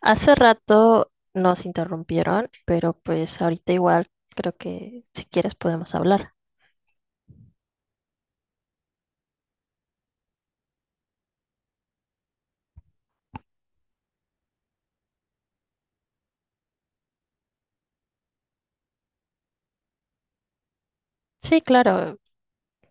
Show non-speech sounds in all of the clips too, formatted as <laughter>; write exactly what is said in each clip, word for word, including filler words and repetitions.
Hace rato nos interrumpieron, pero pues ahorita igual creo que si quieres podemos hablar. Sí, claro.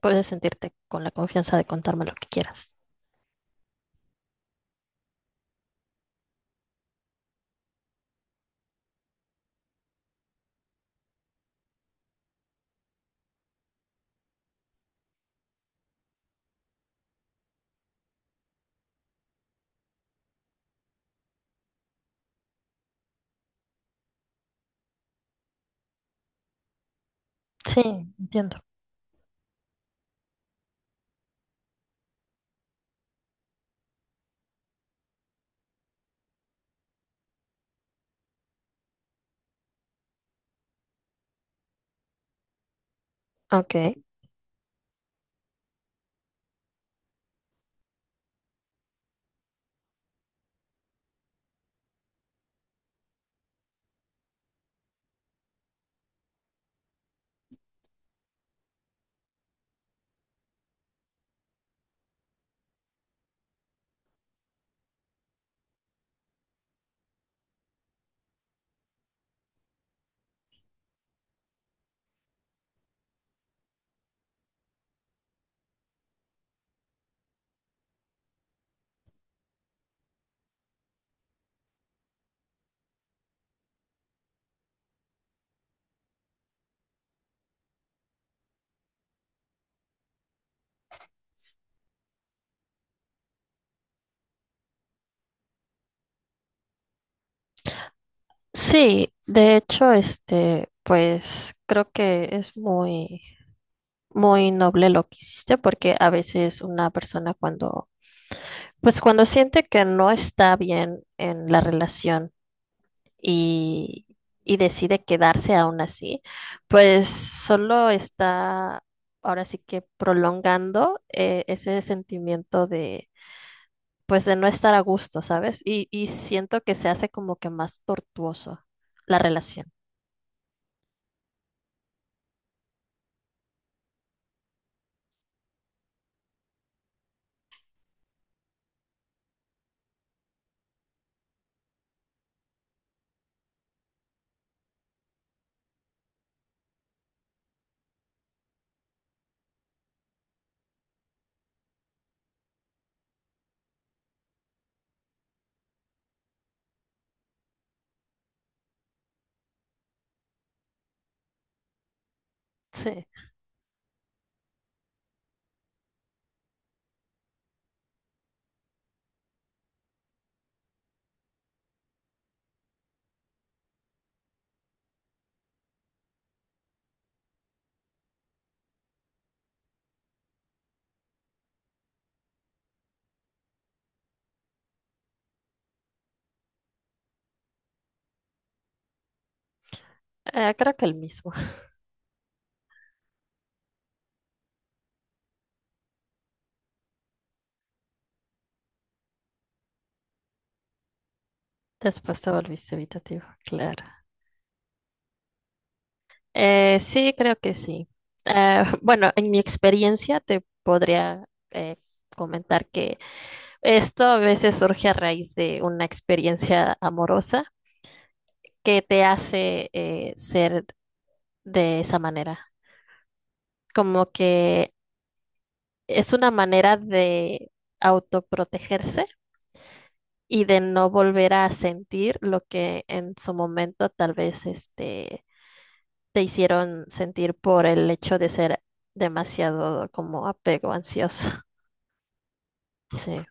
Puedes sentirte con la confianza de contarme lo que quieras. Sí, entiendo. Ok. Sí, de hecho, este, pues creo que es muy, muy noble lo que hiciste, porque a veces una persona cuando pues cuando siente que no está bien en la relación y, y decide quedarse aún así, pues solo está ahora sí que prolongando eh, ese sentimiento de, pues de no estar a gusto, ¿sabes? Y, y siento que se hace como que más tortuoso la relación. Sí. Eh, creo que el mismo. <laughs> Después te volviste evitativo, claro. Eh, sí, creo que sí. Eh, <laughs> bueno, en mi experiencia te podría eh, comentar que esto a veces surge a raíz de una experiencia amorosa que te hace eh, ser de esa manera. Como que es una manera de autoprotegerse y de no volver a sentir lo que en su momento tal vez este, te hicieron sentir por el hecho de ser demasiado como apego ansioso. Sí,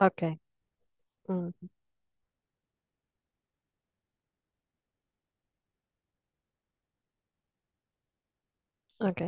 ok, mm, ok,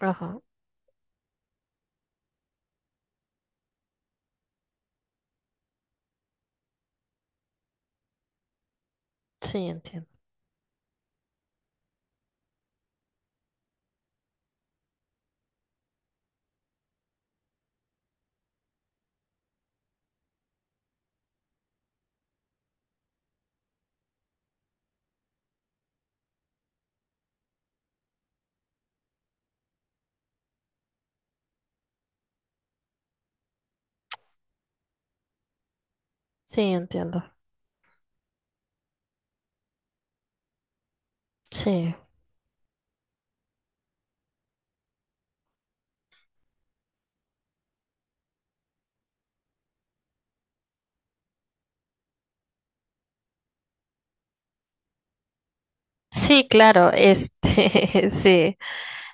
ajá, sí, entiendo, sí, entiendo, sí, sí, claro, este, <laughs> sí,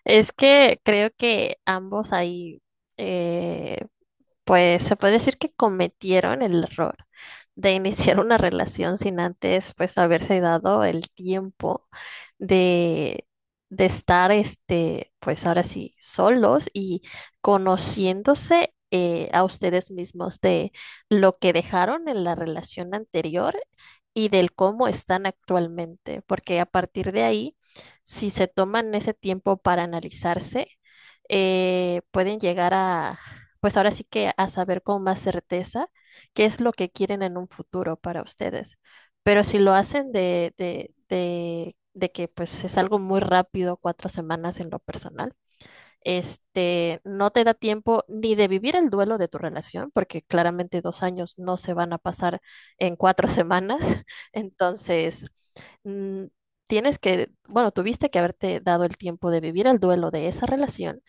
es que creo que ambos ahí, eh, pues se puede decir que cometieron el error de iniciar una relación sin antes, pues, haberse dado el tiempo de, de estar, este, pues, ahora sí, solos y conociéndose eh, a ustedes mismos de lo que dejaron en la relación anterior y del cómo están actualmente, porque a partir de ahí, si se toman ese tiempo para analizarse, eh, pueden llegar a pues ahora sí que a saber con más certeza qué es lo que quieren en un futuro para ustedes. Pero si lo hacen de, de, de, de que pues es algo muy rápido, cuatro semanas en lo personal, este, no te da tiempo ni de vivir el duelo de tu relación, porque claramente dos años no se van a pasar en cuatro semanas. <laughs> Entonces, mm, tienes que, bueno, tuviste que haberte dado el tiempo de vivir el duelo de esa relación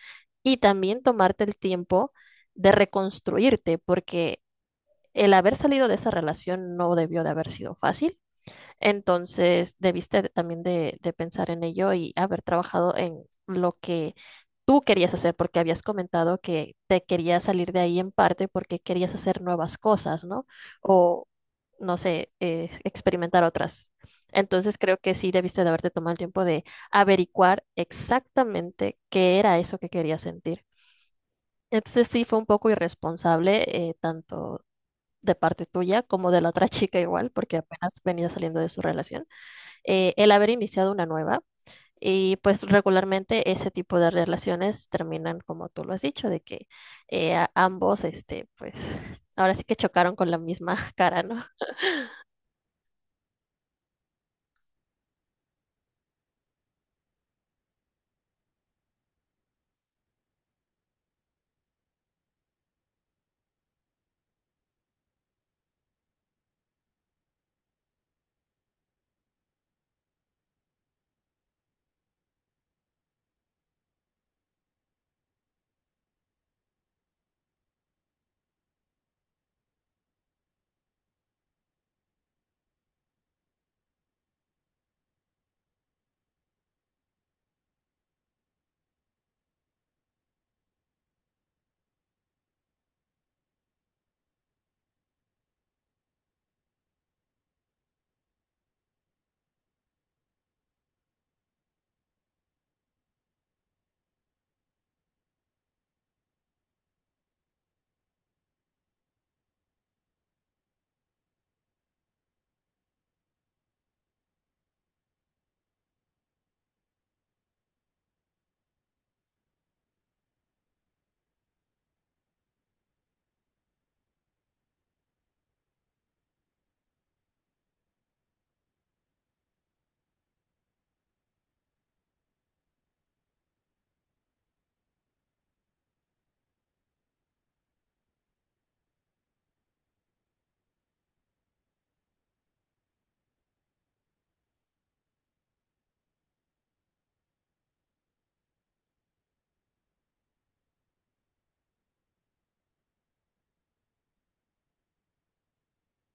y también tomarte el tiempo de reconstruirte, porque el haber salido de esa relación no debió de haber sido fácil. Entonces, debiste de- también de, de pensar en ello y haber trabajado en lo que tú querías hacer, porque habías comentado que te querías salir de ahí en parte porque querías hacer nuevas cosas, ¿no? O, no sé, eh, experimentar otras. Entonces, creo que sí debiste de haberte tomado el tiempo de averiguar exactamente qué era eso que querías sentir. Entonces, sí fue un poco irresponsable, eh, tanto de parte tuya como de la otra <laughs> chica igual, porque apenas venía saliendo de su relación eh, el haber iniciado una nueva. Y pues regularmente ese tipo de relaciones terminan como tú lo has dicho, de que eh, a- ambos, este, pues ahora sí que chocaron con la misma <laughs> cara, ¿no?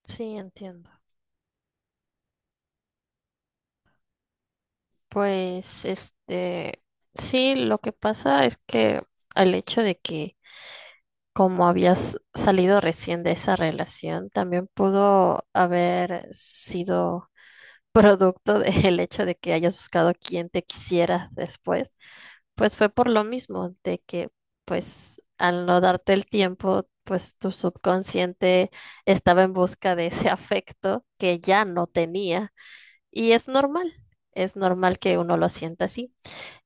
Sí, entiendo. Pues, este, sí, lo que pasa es que el hecho de que como habías salido recién de esa relación, también pudo haber sido producto <laughs> del hecho de que hayas buscado quien te quisiera después. Pues fue por lo mismo, de que pues al no darte el tiempo, pues tu subconsciente estaba en busca de ese <laughs> afecto que ya no tenía. Y es normal, es normal que uno lo sienta así.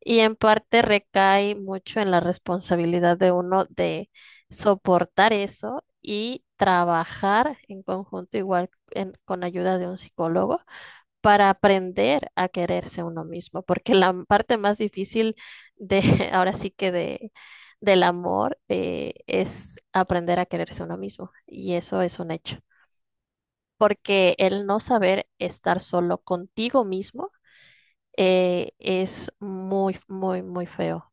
Y en parte recae mucho en la responsabilidad de uno de soportar eso y trabajar en conjunto, igual en- con ayuda de un psicólogo para aprender a quererse uno mismo, porque la parte más difícil de, <laughs> ahora sí que de, del amor eh, es aprender a quererse uno mismo, y eso es un hecho, porque el no saber estar solo contigo mismo eh, es muy, muy, muy feo.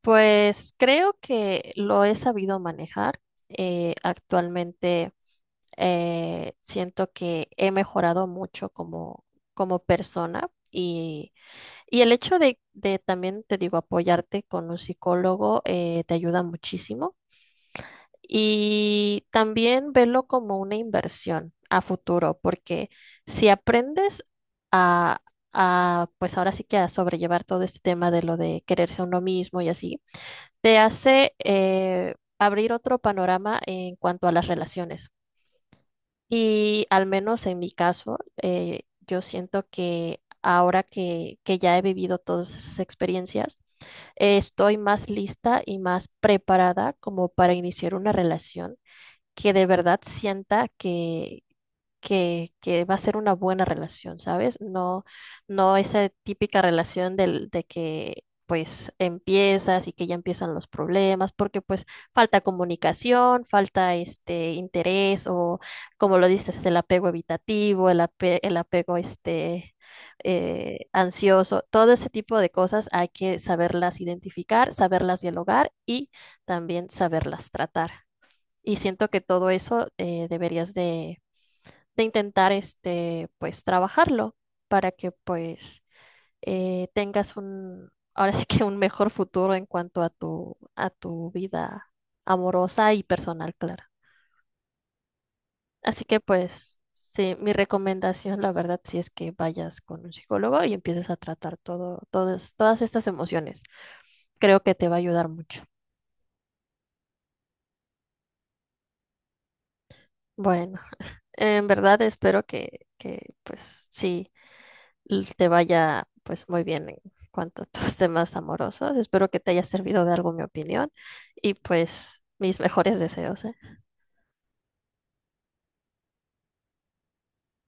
Pues creo que lo he sabido manejar. Eh, actualmente eh, siento que he mejorado mucho como, como persona y Y el hecho de, de también, te digo, apoyarte con un psicólogo eh, te ayuda muchísimo. Y también verlo como una inversión a futuro, porque si aprendes a, a, pues ahora sí que a sobrellevar todo este tema de lo de quererse a uno mismo y así, te hace eh, abrir otro panorama en cuanto a las relaciones. Y al menos en mi caso, eh, yo siento que ahora que, que ya he vivido todas esas experiencias, eh, estoy más lista y más preparada como para iniciar una relación que de verdad sienta que, que, que va a ser una buena relación, ¿sabes? No, no esa típica relación del, de que pues empiezas y que ya empiezan los problemas, porque pues falta comunicación, falta este interés o como lo dices, el apego evitativo, el ape- el apego este eh, ansioso, todo ese tipo de cosas hay que saberlas identificar, saberlas dialogar y también saberlas tratar. Y siento que todo eso eh, deberías de de intentar este, pues trabajarlo para que pues eh, tengas un, ahora sí que un mejor futuro en cuanto a tu, a tu vida amorosa y personal, claro. Así que pues sí, mi recomendación, la verdad, sí es que vayas con un psicólogo y empieces a tratar todo, todos, todas estas emociones. Creo que te va a ayudar mucho. Bueno, en verdad espero que, que pues sí l- te vaya pues muy bien en cuanto a tus <laughs> temas amorosos. Espero que te haya servido de algo mi opinión y pues mis mejores deseos, ¿eh?